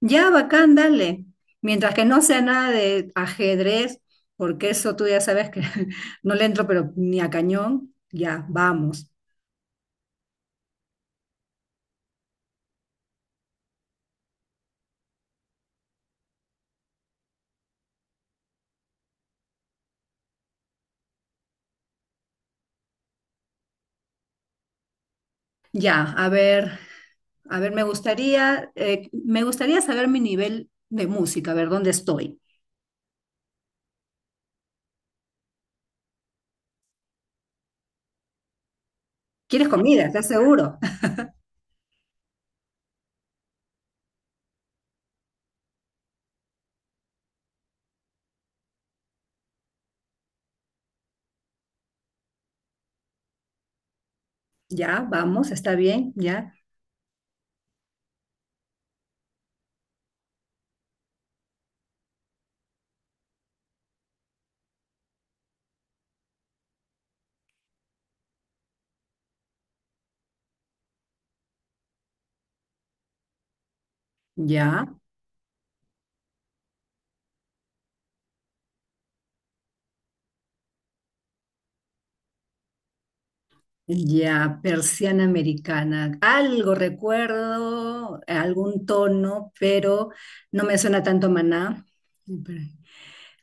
Ya, bacán, dale. Mientras que no sea nada de ajedrez, porque eso tú ya sabes que no le entro, pero ni a cañón, ya, vamos. Ya, a ver, me gustaría saber mi nivel de música, a ver dónde estoy. ¿Quieres comida? ¿Estás seguro? Ya, vamos, está bien, ya, ya, ya, persiana americana. Algo recuerdo, algún tono, pero no me suena tanto Maná.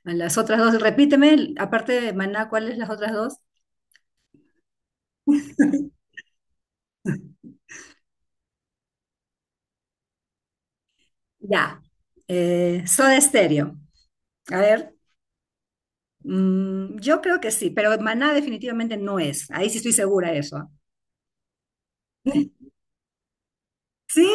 A las otras dos, repíteme, aparte de Maná, ¿cuáles las otras dos? Ya. Soda Stereo. A ver, mm, yo creo que sí, pero Maná definitivamente no es. Ahí sí estoy segura de eso. ¿Ah? ¿Sí?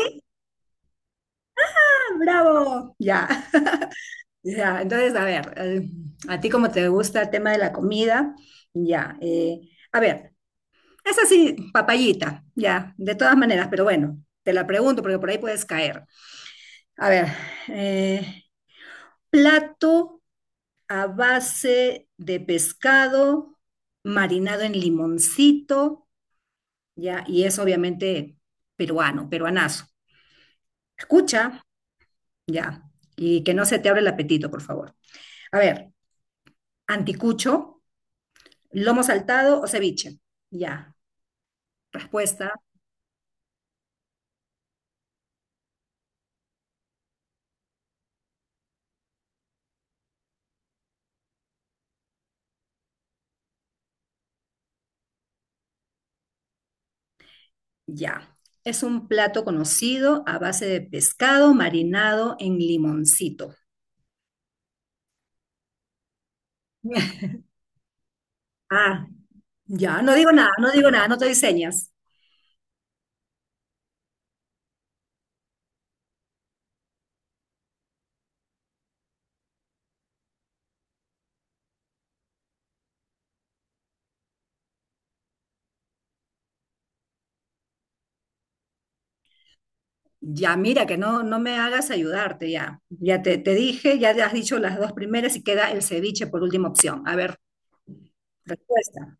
¡Ah! ¡Bravo! Ya, ya. Entonces, a ver, a ti como te gusta el tema de la comida, ya. A ver, es así, papayita, ya, de todas maneras, pero bueno, te la pregunto porque por ahí puedes caer. A ver, eh, plato a base de pescado marinado en limoncito, ya, y es obviamente peruano, peruanazo. Escucha, ya, y que no se te abre el apetito, por favor. A ver, anticucho, lomo saltado o ceviche. Ya, respuesta, ya. Es un plato conocido a base de pescado marinado en limoncito. Ah, ya, no digo nada, no digo nada, no te diseñas. Ya, mira, que no me hagas ayudarte, ya. Ya te dije, ya te has dicho las dos primeras y queda el ceviche por última opción. A ver, respuesta.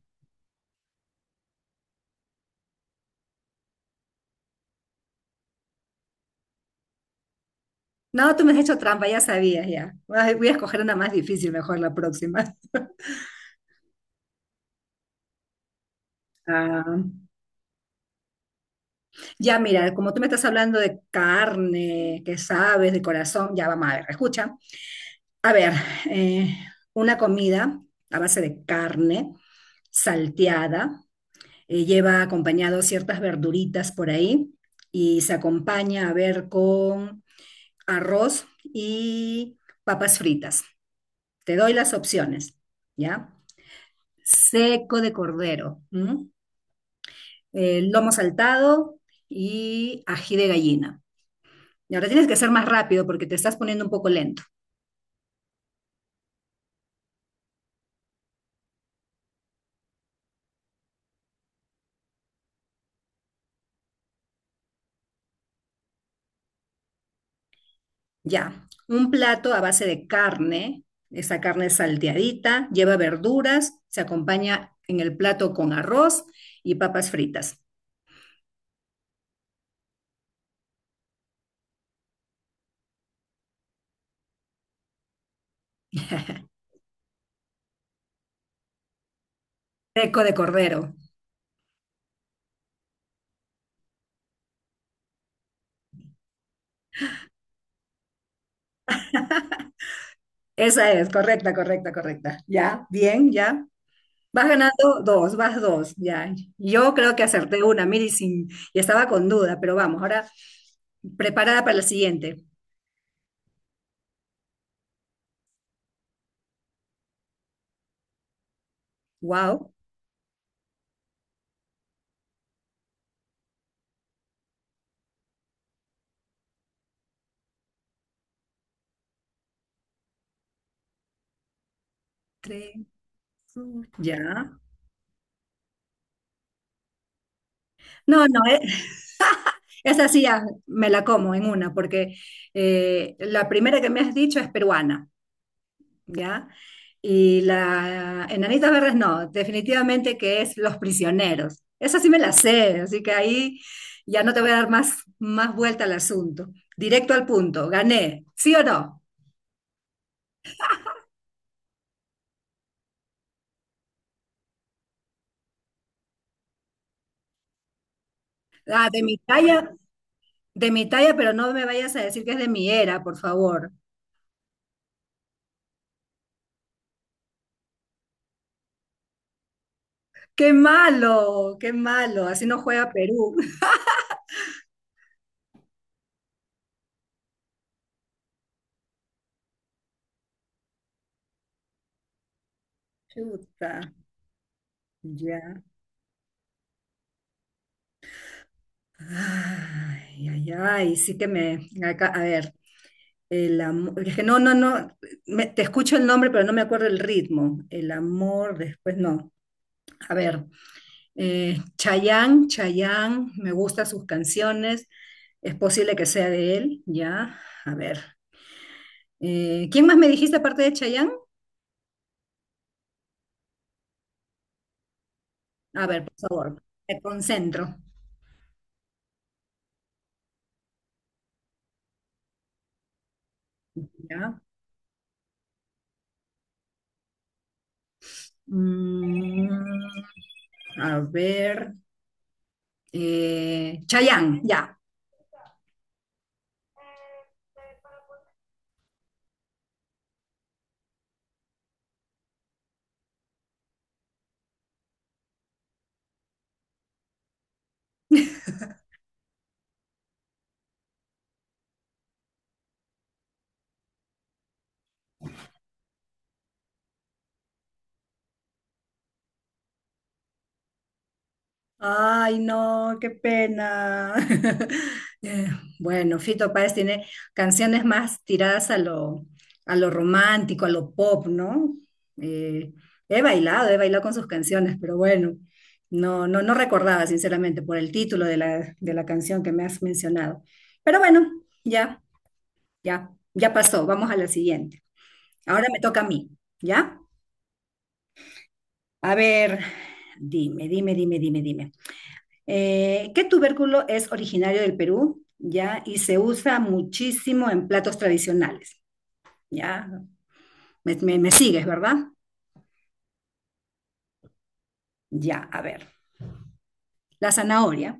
No, tú me has hecho trampa, ya sabías, ya. Ay, voy a escoger una más difícil, mejor la próxima. Ah, ya, mira, como tú me estás hablando de carne, que sabes, de corazón, ya vamos a ver, escucha. A ver, eh, una comida a base de carne salteada. Lleva acompañado ciertas verduritas por ahí y se acompaña a ver con arroz y papas fritas. Te doy las opciones, ¿ya? Seco de cordero, ¿m? Lomo saltado y ají de gallina. Y ahora tienes que ser más rápido porque te estás poniendo un poco lento. Ya, un plato a base de carne, esa carne salteadita, lleva verduras, se acompaña en el plato con arroz y papas fritas. Eco de cordero. Esa es, correcta, correcta, correcta. Ya, bien, ya. Vas ganando dos, vas dos, ya. Yo creo que acerté una, mira, y, sin, y estaba con duda, pero vamos, ahora preparada para la siguiente. Wow, tres, dos, ya. No, esa sí ya me la como en una, porque la primera que me has dicho es peruana. ¿Ya? Y la Enanita Verdes no, definitivamente que es Los Prisioneros. Esa sí me la sé, así que ahí ya no te voy a dar más, más vuelta al asunto. Directo al punto, gané, ¿sí o no? Ah, de mi talla, pero no me vayas a decir que es de mi era, por favor. ¡Qué malo! ¡Qué malo! Así no juega Perú. Chuta, ya. Ay, ay, ay, sí que me... acá- a ver. El amor, es que no, me- te escucho el nombre, pero no me acuerdo el ritmo. El amor, después no. A ver, Chayanne, Chayanne, me gustan sus canciones, es posible que sea de él, ya. A ver, ¿quién más me dijiste aparte de Chayanne? A ver, por favor, me concentro, ya. Mm, a ver, Chayanne, ya. Ay, no, qué pena. Eh, bueno, Fito Páez tiene canciones más tiradas a lo romántico, a lo pop, ¿no? Eh, he bailado con sus canciones, pero bueno, no recordaba, sinceramente, por el título de la canción que me has mencionado. Pero bueno, ya, ya, ya pasó. Vamos a la siguiente. Ahora me toca a mí, ¿ya? A ver, dime, dime, dime, dime, dime. ¿Qué tubérculo es originario del Perú? ¿Ya? Y se usa muchísimo en platos tradicionales. ¿Ya? Me, me sigues, ¿verdad? Ya, a ver. La zanahoria,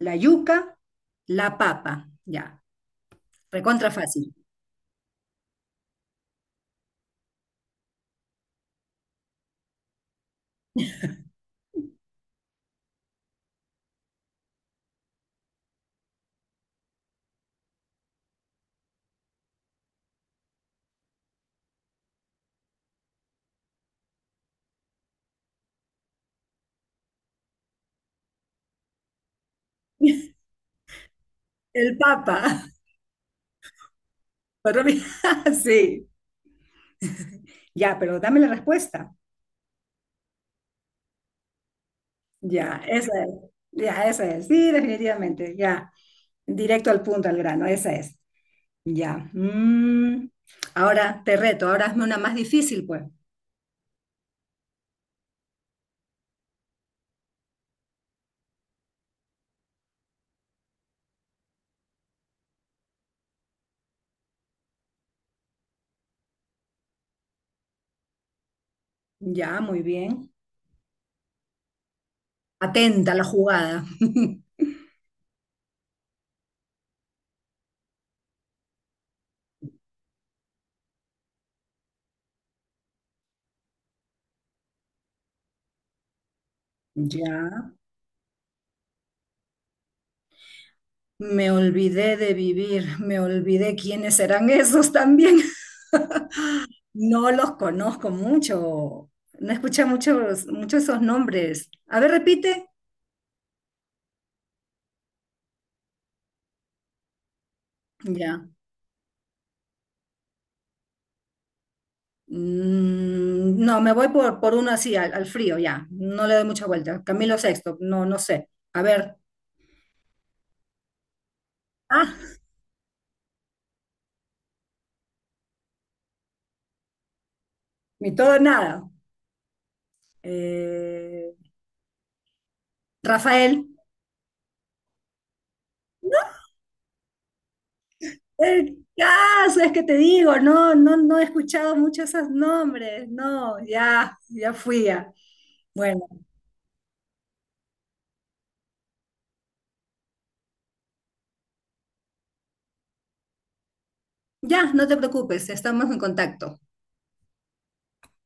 la yuca, la papa. Ya, recontra fácil. El papa. Pero mira, sí. Ya, pero dame la respuesta. Ya, esa es. Ya, esa es. Sí, definitivamente. Ya. Directo al punto, al grano. Esa es. Ya. Mm. Ahora te reto, ahora hazme una más difícil, pues. Ya, muy bien. Atenta a la jugada. Ya. Me olvidé de vivir, me olvidé quiénes serán esos también. No los conozco mucho. No escuché muchos, muchos esos nombres. A ver, repite. Ya. Mm, no, me voy por uno así, al, al frío, ya. No le doy mucha vuelta. Camilo Sexto, no, no sé. A ver. Ah, ni todo nada. Eh, Rafael. El caso es que te digo, no he escuchado muchos esos nombres. No, ya, ya fui ya. Bueno, ya, no te preocupes, estamos en contacto.